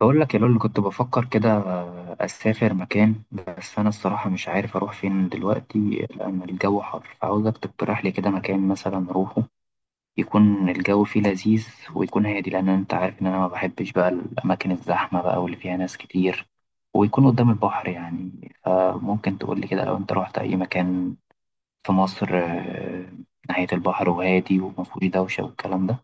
بقول لك يا لول، كنت بفكر كده أسافر مكان. بس أنا الصراحة مش عارف أروح فين دلوقتي لأن الجو حر. فعاوزك تقترح لي كده مكان مثلا أروحه، يكون الجو فيه لذيذ ويكون هادي، لأن أنت عارف إن أنا ما بحبش بقى الأماكن الزحمة بقى واللي فيها ناس كتير، ويكون قدام البحر يعني. فممكن تقول لي كده لو أنت رحت أي مكان في مصر ناحية البحر وهادي ومفهوش دوشة والكلام ده.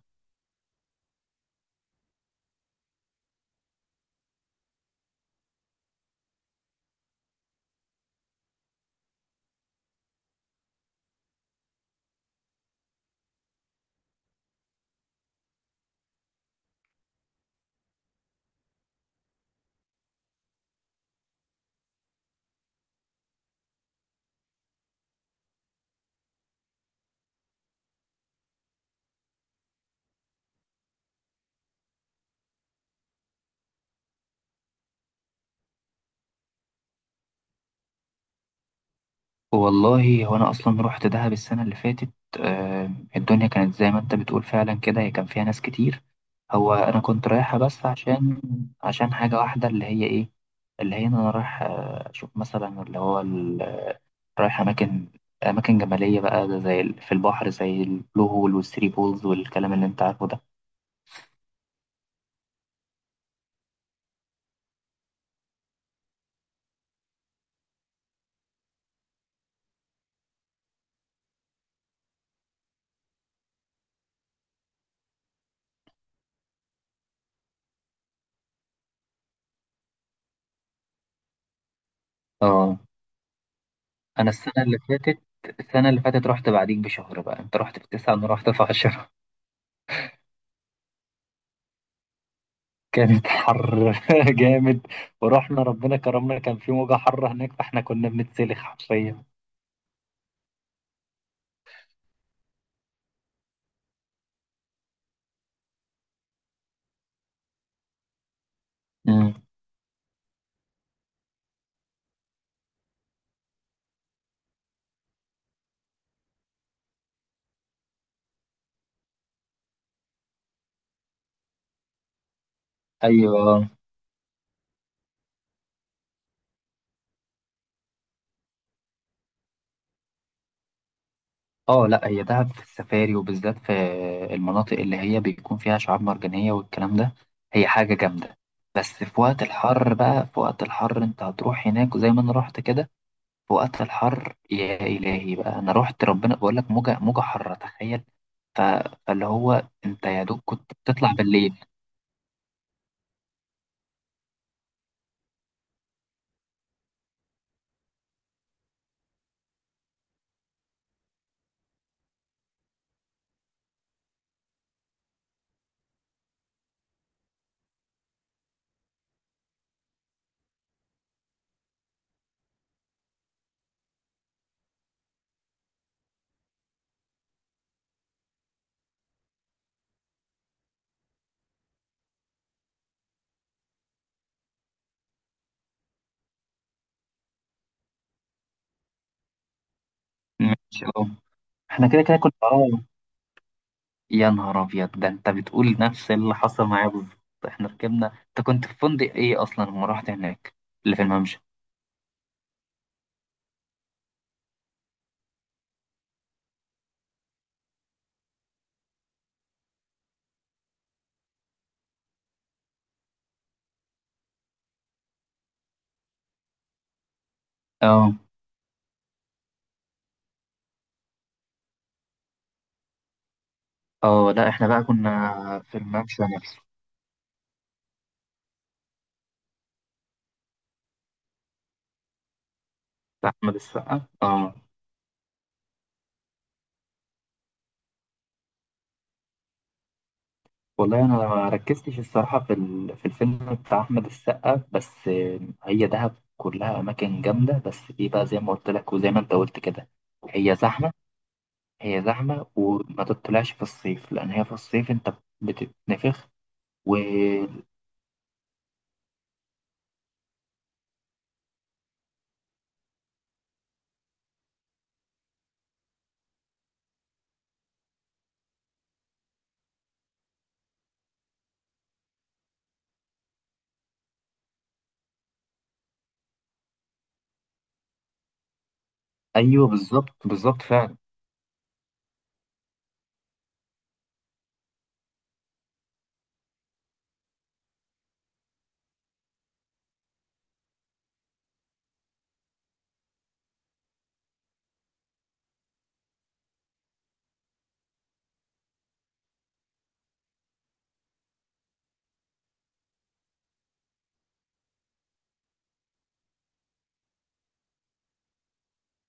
والله هو انا اصلا رحت دهب السنه اللي فاتت آه، الدنيا كانت زي ما انت بتقول فعلا كده، هي كان فيها ناس كتير. هو انا كنت رايحها بس عشان حاجه واحده، اللي هي ايه، اللي هي إن انا رايح اشوف مثلا اللي هو رايح اماكن جبليه بقى، ده زي في البحر زي البلو هول والثري بولز والكلام اللي انت عارفه ده. اه، انا السنه اللي فاتت، رحت بعديك بشهر. بقى انت رحت في 9، انا رحت في 10. كانت حر جامد. ورحنا ربنا كرمنا، كان في موجة حر هناك، فاحنا كنا بنتسلخ حرفيا. امم، ايوه. اه، لا هي دهب في السفاري، وبالذات في المناطق اللي هي بيكون فيها شعاب مرجانية والكلام ده، هي حاجة جامدة. بس في وقت الحر بقى، في وقت الحر انت هتروح هناك وزي ما انا رحت كده، في وقت الحر يا الهي بقى، انا رحت ربنا بقول لك موجة موجة حارة تخيل. ف- فاللي هو انت يا دوب كنت بتطلع بالليل. ماشي، اه. احنا كده كده كنا. يا نهار ابيض، ده انت بتقول نفس اللي حصل معايا بالظبط. احنا ركبنا، انت كنت في فندق ايه اصلا لما رحت هناك؟ اللي في الممشى؟ اه، اه، لا احنا بقى كنا في الممشى نفسه، بتاع احمد السقا، اه. والله انا ما ركزتش الصراحه في في الفيلم بتاع احمد السقا، بس هي دهب كلها اماكن جامده، بس دي بقى زي ما قلت لك وزي ما انت قلت كده. هي زحمه، هي زحمه وما تطلعش في الصيف، لان هي في الصيف انت بتتنفخ و... ايوه، بالظبط بالظبط فعلا.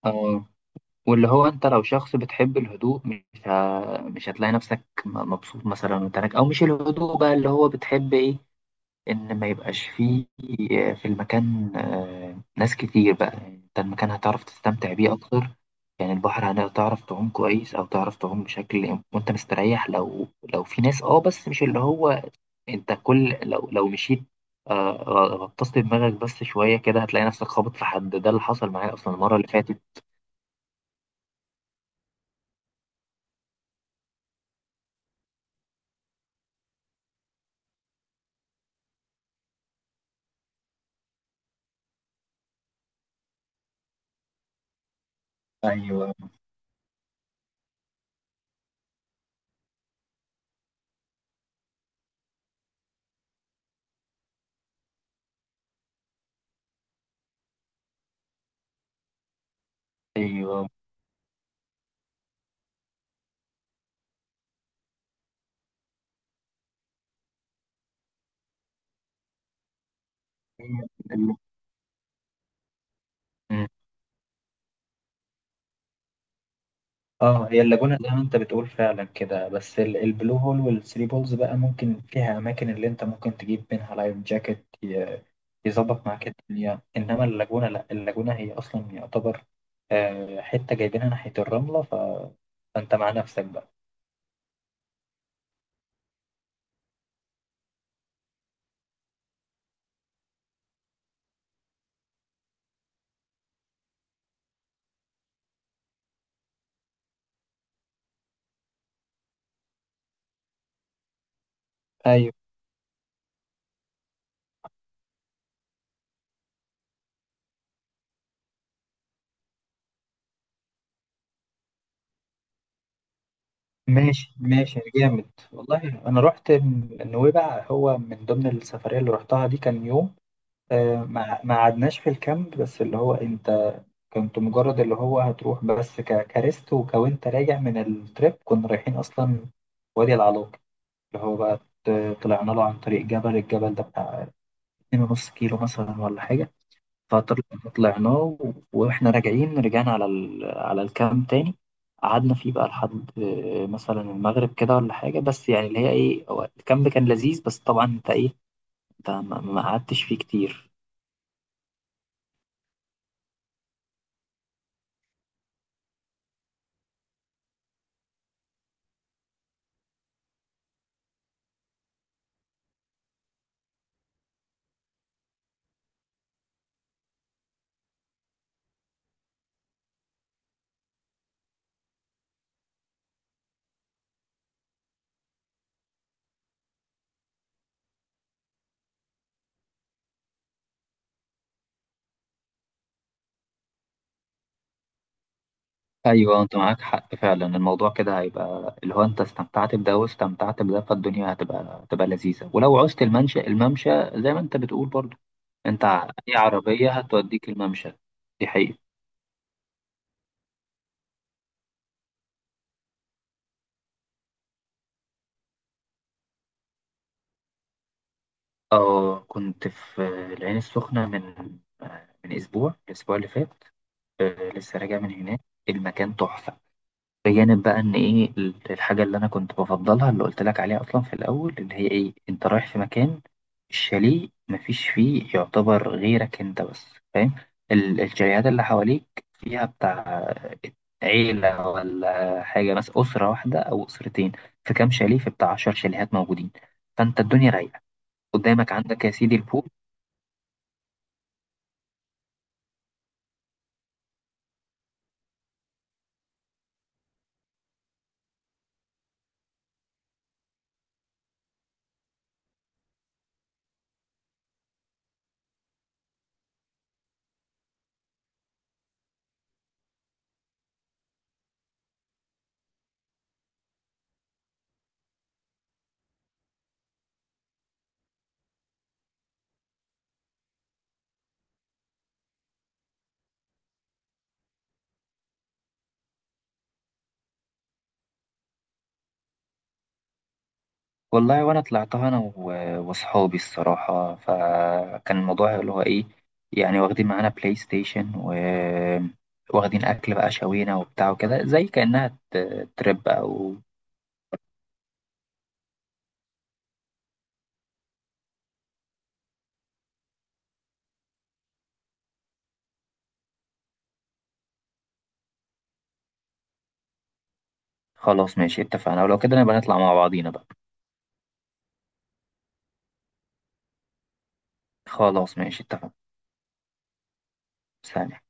آه واللي هو انت لو شخص بتحب الهدوء، مش هتلاقي نفسك مبسوط مثلا وانت هناك، او مش الهدوء بقى اللي هو بتحب، ايه ان ما يبقاش فيه في المكان ناس كتير بقى. يعني انت المكان هتعرف تستمتع بيه اكتر، يعني البحر هتعرف تعوم كويس، او تعرف تعوم بشكل وانت مستريح، لو في ناس، بس مش اللي هو انت كل، لو مشيت آه، غطست دماغك بس شويه كده، هتلاقي نفسك خابط في حد، ده اللي حصل معايا اصلا المره اللي فاتت. ايوه، ايوه. هي ال- مم. اه، هي اللاجونة زي ما انت بتقول فعلا كده. بس البلو هول والثري بولز بقى، ممكن فيها اماكن اللي انت ممكن تجيب منها لايف جاكيت، يظبط معاك الدنيا. انما اللاجونة لا، اللاجونة هي اصلا يعتبر حتة جايبينها ناحية الرملة. فانت مع نفسك بقى. ايوه، ماشي ماشي جامد. والله انا رحت نويبع، هو من ضمن السفريه اللي رحتها دي، كان يوم. ما قعدناش في الكامب، بس اللي هو انت كنت مجرد اللي هو هتروح، بس كريست وكوانت راجع من التريب، كنا رايحين اصلا وادي العلاق، اللي هو بقى طلعنا له عن طريق الجبل ده بتاع 2.5 كيلو مثلا ولا حاجه. فطلعنا واحنا راجعين، رجعنا على على الكامب تاني. قعدنا فيه بقى لحد مثلا المغرب كده ولا حاجة، بس يعني اللي هي ايه، هو الكامب كان لذيذ، بس طبعا انت ايه، انت ما قعدتش فيه كتير. ايوه، انت معاك حق فعلا. الموضوع كده هيبقى اللي هو انت استمتعت بده واستمتعت بده، فالدنيا هتبقى لذيذه. ولو عوزت الممشى، زي ما انت بتقول برضو، انت اي عربيه هتوديك الممشى، دي حقيقة. اه، كنت في العين السخنة من من أسبوع، الأسبوع اللي فات. لسه راجع من هناك. المكان تحفة، بجانب بقى إن إيه الحاجة اللي أنا كنت بفضلها اللي قلت لك عليها أصلا في الأول، اللي هي إيه، أنت رايح في مكان، الشاليه مفيش فيه يعتبر غيرك أنت بس، فاهم؟ الشاليهات اللي حواليك فيها بتاع عيلة ولا حاجة، بس أسرة واحدة أو أسرتين، في كام شاليه، في بتاع 10 شاليهات موجودين، فأنت الدنيا رايقة، قدامك عندك يا سيدي البول. والله وانا طلعتها انا واصحابي الصراحه، فكان الموضوع اللي هو ايه، يعني واخدين معانا بلاي ستيشن واخدين اكل بقى شوينا وبتاع وكده، زي كانها ترip او. خلاص، ماشي، اتفقنا، ولو كده نبقى نطلع مع بعضينا بقى. خلاص، ماشي، اتفقنا. سلام.